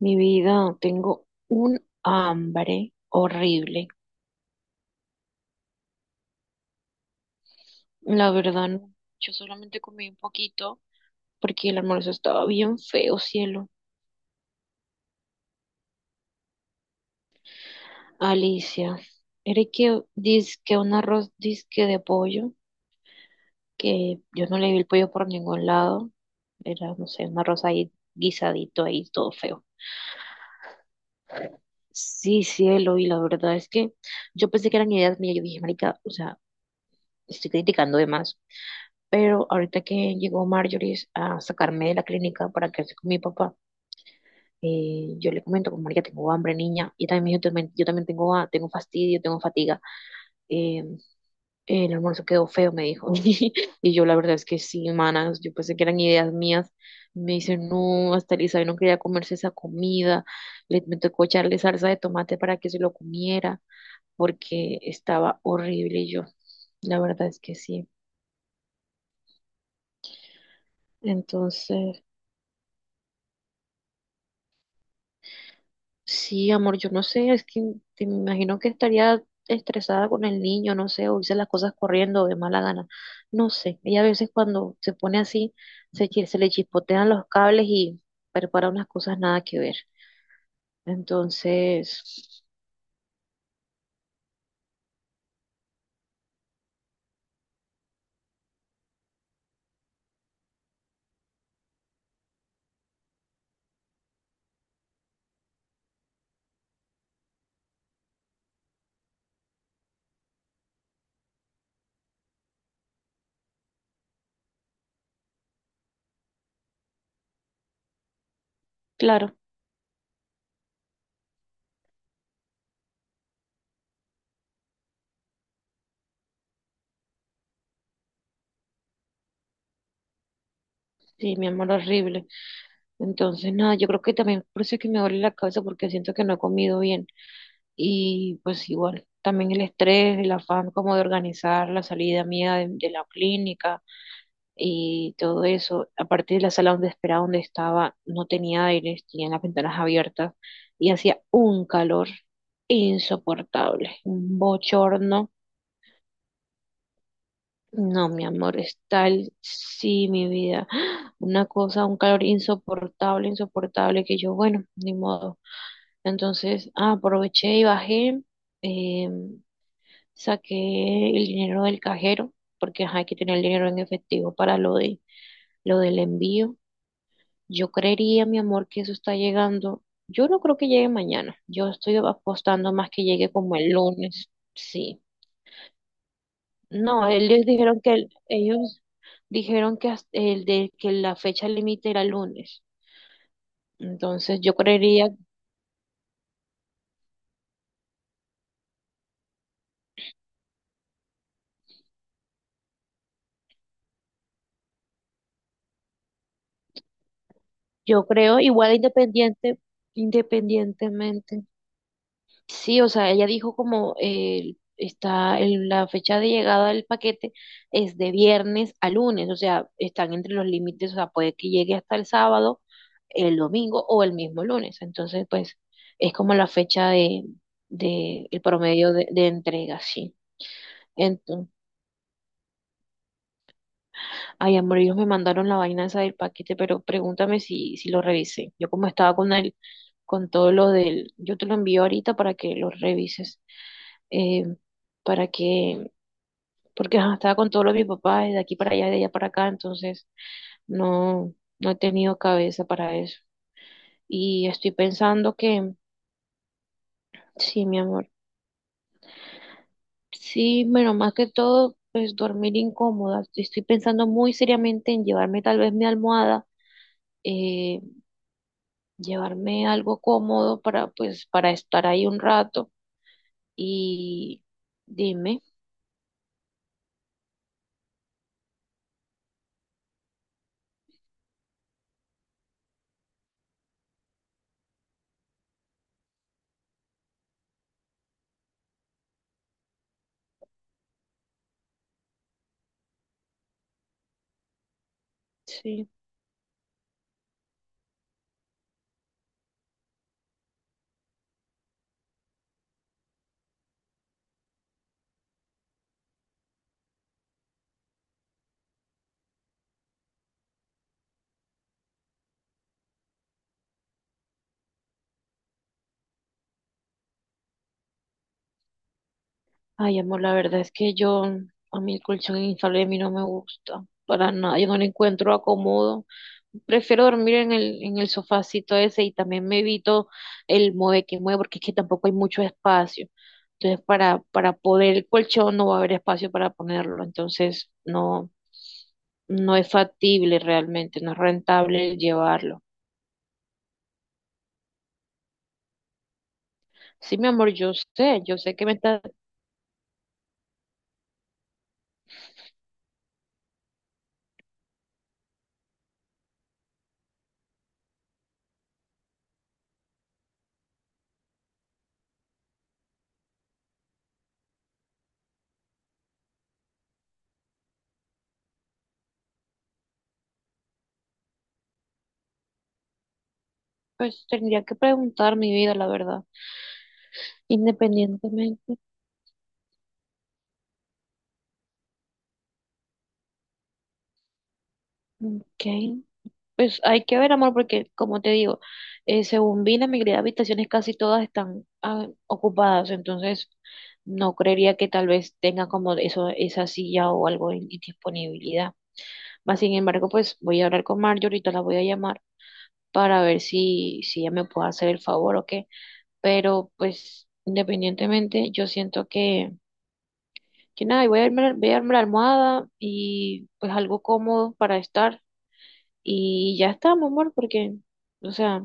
Mi vida, tengo un hambre horrible. La verdad, no. Yo solamente comí un poquito porque el almuerzo estaba bien feo, cielo. Alicia, era que dizque un arroz disque de pollo, que yo no le vi el pollo por ningún lado. Era, no sé, un arroz ahí guisadito ahí, todo feo. Sí, cielo, y la verdad es que yo pensé que eran ideas mías. Yo dije, marica, o sea, estoy criticando de más. Pero ahorita que llegó Marjorie a sacarme de la clínica para quedarse con mi papá, yo le comento como, ya tengo hambre, niña, y también me dijo, yo también tengo, tengo fastidio, tengo fatiga. Eh, el almuerzo quedó feo", me dijo. Y yo la verdad es que sí, manas, yo pensé que eran ideas mías. Me dice, no, hasta Elizabeth no quería comerse esa comida. Me tocó echarle salsa de tomate para que se lo comiera, porque estaba horrible y yo. La verdad es que sí. Entonces, sí, amor, yo no sé, es que te me imagino que estaría estresada con el niño, no sé, o hice las cosas corriendo de mala gana, no sé. Ella a veces cuando se pone así, se le chispotean los cables y prepara unas cosas nada que ver. Entonces, claro, sí, mi amor, horrible. Entonces, nada, yo creo que también por eso es que me duele la cabeza porque siento que no he comido bien. Y pues igual, también el estrés, el afán como de organizar la salida mía de la clínica y todo eso. Aparte de la sala donde esperaba, donde estaba, no tenía aire, tenían las ventanas abiertas y hacía un calor insoportable, un bochorno. No, mi amor, es tal, sí, mi vida. Una cosa, un calor insoportable, insoportable, que yo, bueno, ni modo. Entonces, ah, aproveché y bajé, eh, saqué el dinero del cajero, porque ajá, hay que tener el dinero en efectivo para lo del envío. Yo creería, mi amor, que eso está llegando. Yo no creo que llegue mañana. Yo estoy apostando más que llegue como el lunes. Sí. No, ellos dijeron que el- ellos dijeron que hasta- el de que la fecha límite era lunes. Entonces yo creería, yo creo igual independientemente. Sí, o sea, ella dijo como está el- la fecha de llegada del paquete es de viernes a lunes, o sea, están entre los límites, o sea, puede que llegue hasta el sábado, el domingo o el mismo lunes. Entonces, pues, es como la fecha de el promedio de entrega, sí. Entonces, ay, amor, ellos me mandaron la vaina esa del paquete, pero pregúntame si, si lo revisé. Yo como estaba con el, con todo lo del, yo te lo envío ahorita para que lo revises. Eh, para que porque ajá, estaba con todo lo de mi papá, y de aquí para allá, de allá para acá, entonces no, no he tenido cabeza para eso. Y estoy pensando que, sí, mi amor, sí, bueno, más que todo, pues dormir incómoda. Estoy pensando muy seriamente en llevarme tal vez mi almohada, eh, llevarme algo cómodo para, pues, para estar ahí un rato. Y dime, sí. Ay, amor, la verdad es que yo, a mí el colchón inflable a mí no me gusta para nada, yo no le encuentro acomodo. Prefiero dormir en en el sofacito ese y también me evito el mueve que mueve porque es que tampoco hay mucho espacio. Entonces, para poder el colchón no va a haber espacio para ponerlo, entonces no, no es factible realmente, no es rentable el llevarlo. Sí, mi amor, yo sé que me está, pues tendría que preguntar mi vida, la verdad, independientemente. Ok, pues hay que ver, amor, porque como te digo, según vi, la mayoría de habitaciones casi todas están ah, ocupadas, entonces no creería que tal vez tenga como eso, esa silla o algo en disponibilidad. Más sin embargo, pues voy a hablar con Marjorie, ahorita la voy a llamar para ver si, si ella me puede hacer el favor o qué, pero pues independientemente, yo siento que nada, y voy a armar la almohada y pues algo cómodo para estar. Y ya está, mi amor, porque, o sea,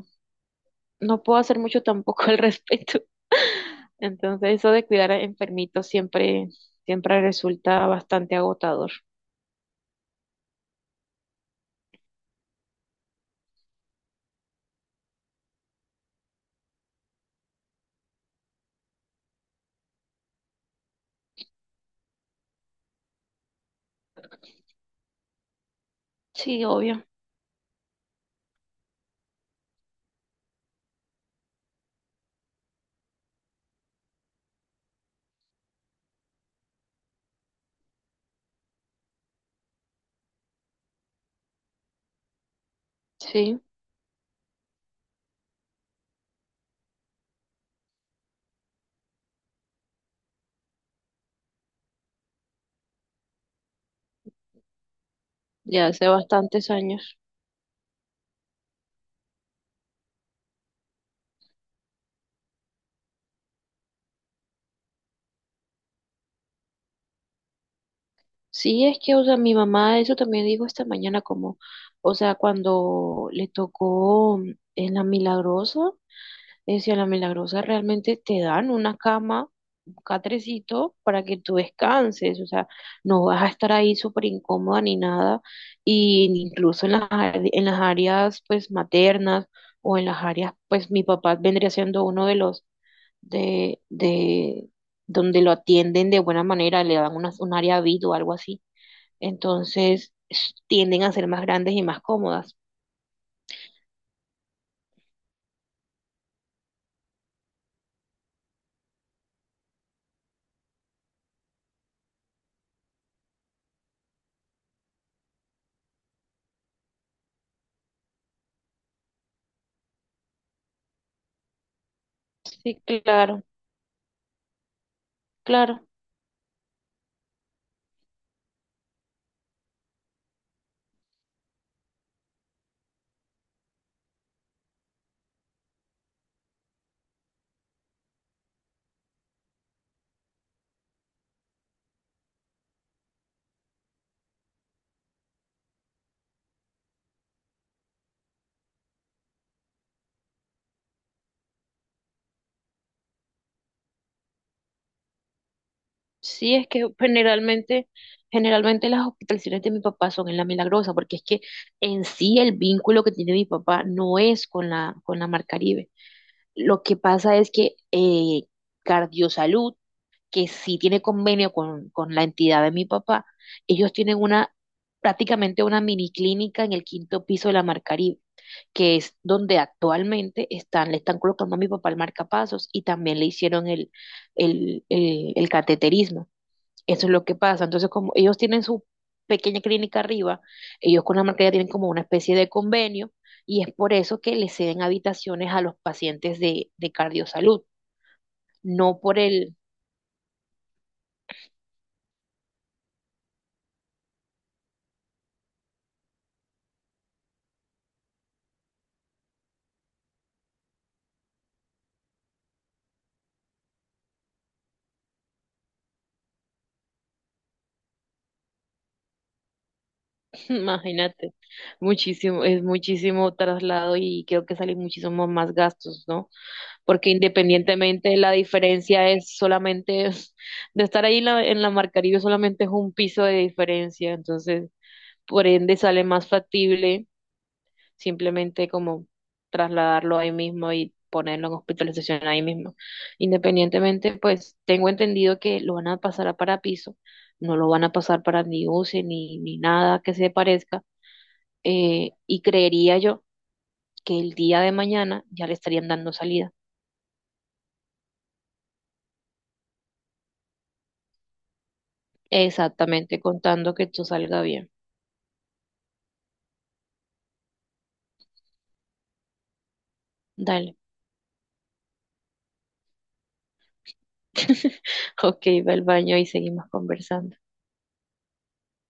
no puedo hacer mucho tampoco al respecto. Entonces, eso de cuidar a enfermitos siempre, siempre resulta bastante agotador. Sí, obvio. Sí, ya hace bastantes años. Sí, es que, o sea, mi mamá eso también dijo esta mañana, como, o sea, cuando le tocó en la Milagrosa, decía, en la Milagrosa realmente te dan una cama catrecito para que tú descanses, o sea, no vas a estar ahí súper incómoda ni nada, y incluso en las, ar- en las áreas pues maternas o en las áreas pues mi papá vendría siendo uno de los de donde lo atienden de buena manera, le dan unas, un área VIP o algo así, entonces s- tienden a ser más grandes y más cómodas. Sí, claro, claro. Sí, es que generalmente, generalmente las hospitalizaciones de mi papá son en la Milagrosa, porque es que en sí el vínculo que tiene mi papá no es con la Mar Caribe. Lo que pasa es que Cardiosalud, que sí tiene convenio con la entidad de mi papá, ellos tienen una, prácticamente una mini clínica en el quinto piso de la Mar Caribe, que es donde actualmente están, le están colocando a mi papá el marcapasos y también le hicieron el cateterismo. Eso es lo que pasa. Entonces, como ellos tienen su pequeña clínica arriba, ellos con la marca ya tienen como una especie de convenio y es por eso que les ceden habitaciones a los pacientes de Cardiosalud, no por el, imagínate, muchísimo, es muchísimo traslado y creo que salen muchísimos más gastos, ¿no? Porque independientemente la diferencia es solamente, es- de estar ahí la- en la Marcaribe solamente es un piso de diferencia, entonces por ende sale más factible simplemente como trasladarlo ahí mismo y ponerlo en hospitalización ahí mismo. Independientemente, pues tengo entendido que lo van a pasar a parapiso, no lo van a pasar para ni UCI ni, ni nada que se parezca, y creería yo que el día de mañana ya le estarían dando salida, exactamente contando que tú salga bien. Dale. Ok, va al baño y seguimos conversando.